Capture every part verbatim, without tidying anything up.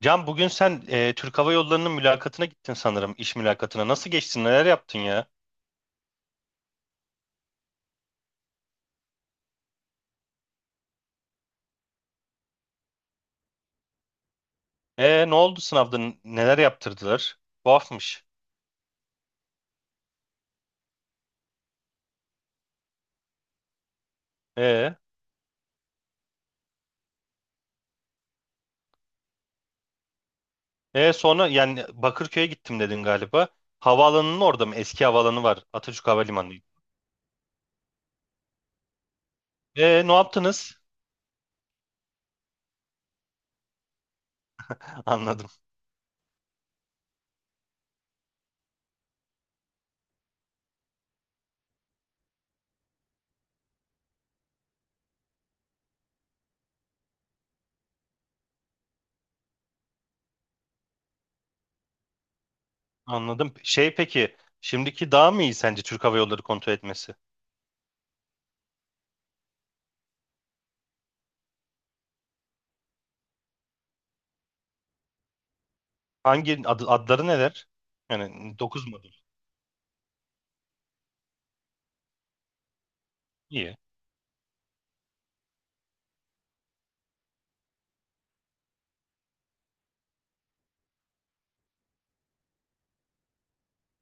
Can bugün sen e, Türk Hava Yolları'nın mülakatına gittin sanırım, iş mülakatına. Nasıl geçtin, neler yaptın ya? E ne oldu sınavda, n- neler yaptırdılar? Tuhafmış. E, e sonra yani Bakırköy'e gittim dedin galiba. Havaalanının orada mı? Eski havaalanı var. Atatürk Havalimanı. E ne yaptınız? Anladım, anladım. Şey peki, şimdiki daha mı iyi sence Türk Hava Yolları kontrol etmesi? Hangi ad- adları neler? Yani dokuz modül. İyi,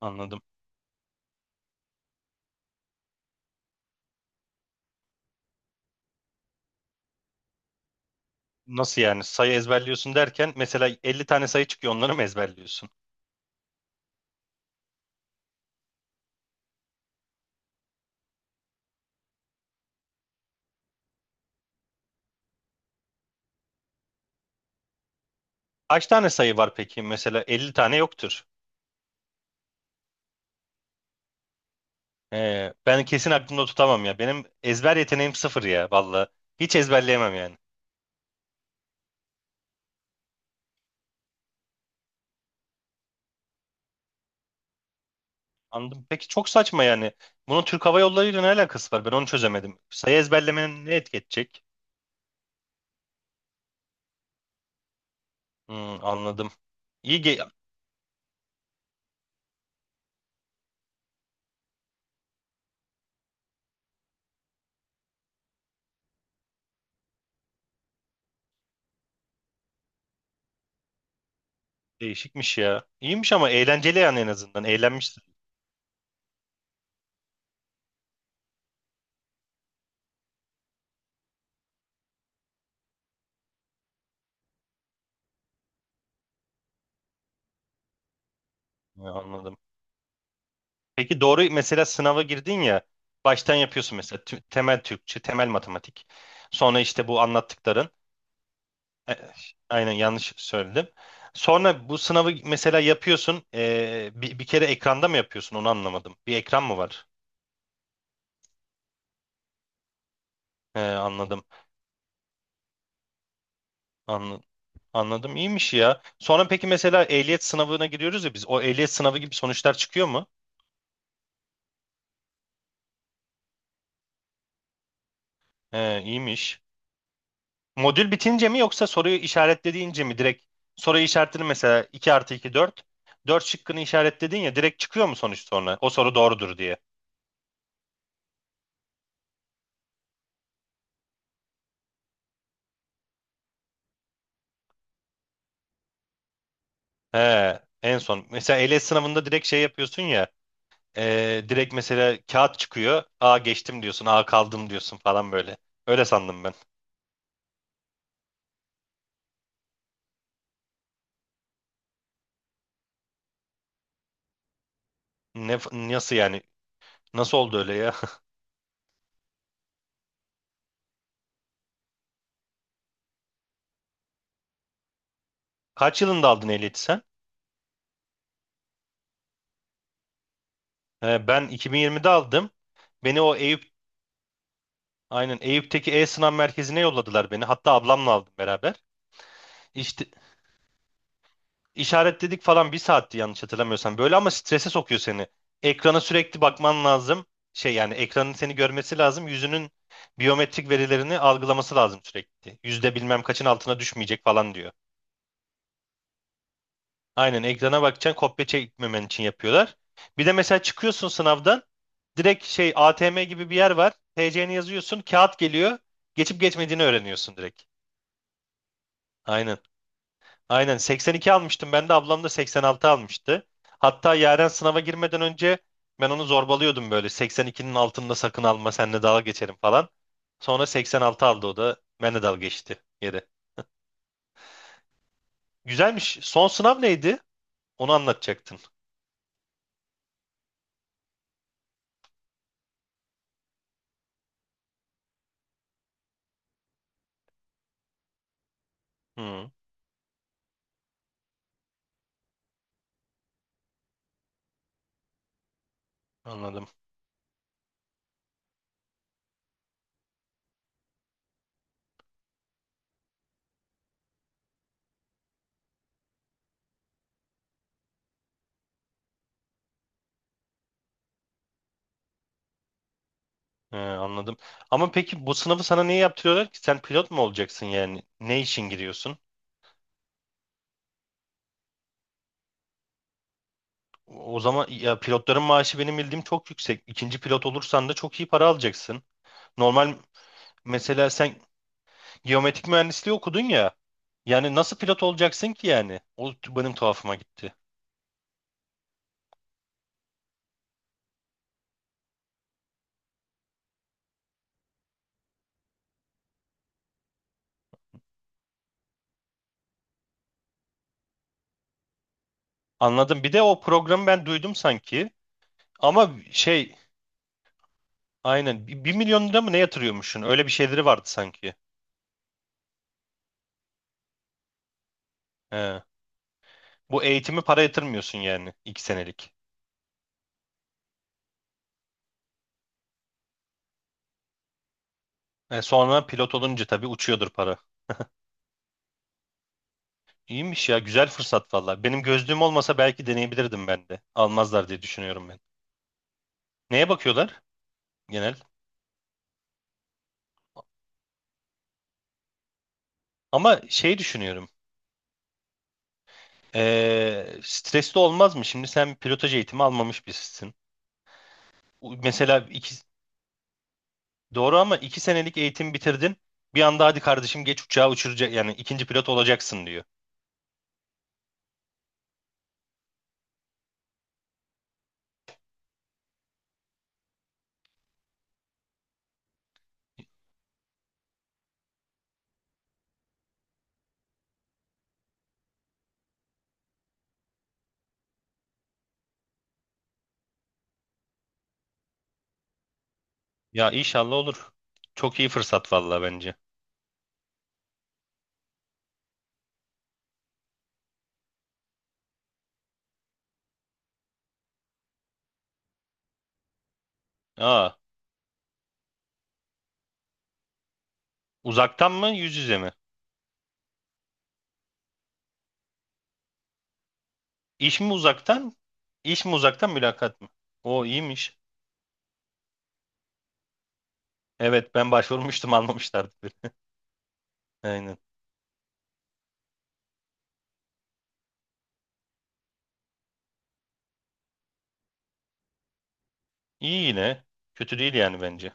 anladım. Nasıl yani? Sayı ezberliyorsun derken mesela elli tane sayı çıkıyor onları mı ezberliyorsun? Kaç tane sayı var peki? Mesela elli tane yoktur. Ee, ben kesin aklımda tutamam ya. Benim ezber yeteneğim sıfır ya valla. Hiç ezberleyemem yani. Anladım. Peki çok saçma yani. Bunun Türk Hava Yolları ile ne alakası var? Ben onu çözemedim. Sayı ezberlemenin ne etki edecek? Hmm, anladım. İyi, ge- değişikmiş ya. İyiymiş ama eğlenceli yani en azından. Eğlenmişsin. Ya, anladım. Peki doğru mesela sınava girdin ya baştan yapıyorsun mesela tü- temel Türkçe, temel matematik. Sonra işte bu anlattıkların e, aynen yanlış söyledim. Sonra bu sınavı mesela yapıyorsun e, bir, bir kere ekranda mı yapıyorsun onu anlamadım. Bir ekran mı var? E, anladım. Anla- anladım. İyiymiş ya. Sonra peki mesela ehliyet sınavına giriyoruz ya biz. O ehliyet sınavı gibi sonuçlar çıkıyor mu? E, iyiymiş. Modül bitince mi yoksa soruyu işaretlediğince mi direkt soruyu işaretledin mesela iki artı iki dört. dört şıkkını işaretledin ya direkt çıkıyor mu sonuç sonra? O soru doğrudur diye. He, en son. Mesela ALES sınavında direkt şey yapıyorsun ya. e, direkt mesela kağıt çıkıyor. A geçtim diyorsun. A kaldım diyorsun falan böyle. Öyle sandım ben. Ne, nasıl yani? Nasıl oldu öyle ya? Kaç yılında aldın ehliyeti sen? He, ben iki bin yirmide aldım. Beni o Eyüp Aynen Eyüp'teki E-Sınav Merkezi'ne yolladılar beni. Hatta ablamla aldım beraber. İşte İşaretledik falan bir saatti yanlış hatırlamıyorsam böyle ama strese sokuyor seni. Ekrana sürekli bakman lazım. Şey yani ekranın seni görmesi lazım. Yüzünün biyometrik verilerini algılaması lazım sürekli. Yüzde bilmem kaçın altına düşmeyecek falan diyor. Aynen ekrana bakacaksın kopya çekmemen için yapıyorlar. Bir de mesela çıkıyorsun sınavdan direkt şey A T M gibi bir yer var. T C'ni yazıyorsun kağıt geliyor. Geçip geçmediğini öğreniyorsun direkt. Aynen. Aynen seksen iki almıştım ben de ablam da seksen altı almıştı. Hatta Yaren sınava girmeden önce ben onu zorbalıyordum böyle seksen ikinin altında sakın alma seninle dalga geçerim falan. Sonra seksen altı aldı o da benle dalga geçti yere. Güzelmiş. Son sınav neydi? Onu anlatacaktın. Hı, anladım. He, anladım. Ama peki bu sınavı sana niye yaptırıyorlar ki? Sen pilot mu olacaksın yani? Ne için giriyorsun? O o zaman ya pilotların maaşı benim bildiğim çok yüksek. İkinci pilot olursan da çok iyi para alacaksın. Normal, mesela sen Geometrik mühendisliği okudun ya. Yani nasıl pilot olacaksın ki yani? O t- benim tuhafıma gitti. Anladım. Bir de o programı ben duydum sanki. Ama şey aynen bir milyon lira mı ne yatırıyormuşsun? Öyle bir şeyleri vardı sanki. He. Bu eğitimi para yatırmıyorsun yani iki senelik. E sonra pilot olunca tabii uçuyordur para. İyiymiş ya güzel fırsat valla. Benim gözlüğüm olmasa belki deneyebilirdim ben de. Almazlar diye düşünüyorum ben. Neye bakıyorlar genel? Ama şey düşünüyorum. Ee, stresli olmaz mı? Şimdi sen pilotaj eğitimi almamış birisin. U- Mesela iki, doğru ama iki senelik eğitim bitirdin. Bir anda hadi kardeşim geç uçağı uçuracak yani ikinci pilot olacaksın diyor. Ya inşallah olur. Çok iyi fırsat vallahi bence. Aa, uzaktan mı yüz yüze mi? İş mi uzaktan? İş mi uzaktan mülakat mı? O iyiymiş. Evet ben başvurmuştum almamışlardı beni. Aynen. İyi yine. Kötü değil yani bence.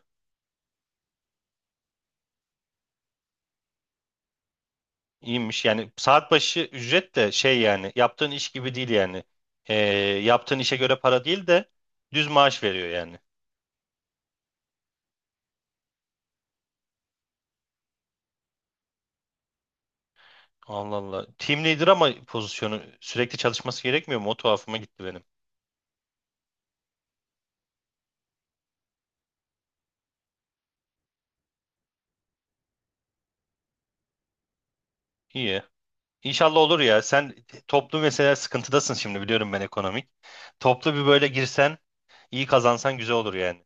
İyiymiş yani saat başı ücret de şey yani yaptığın iş gibi değil yani. Ee, yaptığın işe göre para değil de düz maaş veriyor yani. Allah Allah. Team leader ama pozisyonu sürekli çalışması gerekmiyor mu? O tuhafıma gitti benim. İyi. İnşallah olur ya. Sen toplu mesela sıkıntıdasın şimdi biliyorum ben ekonomik. Toplu bir böyle girsen iyi kazansan güzel olur yani.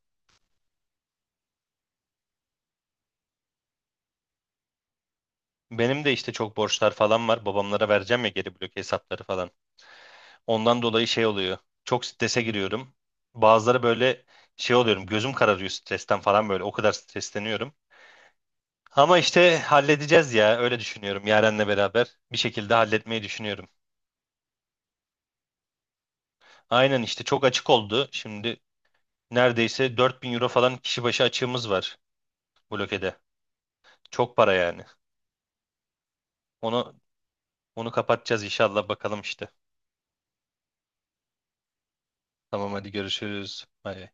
Benim de işte çok borçlar falan var. Babamlara vereceğim ya geri blok hesapları falan. Ondan dolayı şey oluyor. Çok strese giriyorum. Bazıları böyle şey oluyorum. Gözüm kararıyor stresten falan böyle. O kadar stresleniyorum. Ama işte halledeceğiz ya. Öyle düşünüyorum. Yaren'le beraber bir şekilde halletmeyi düşünüyorum. Aynen işte çok açık oldu. Şimdi neredeyse dört bin euro falan kişi başı açığımız var blokede. Çok para yani. Onu onu kapatacağız inşallah bakalım işte. Tamam hadi görüşürüz. Bay bay.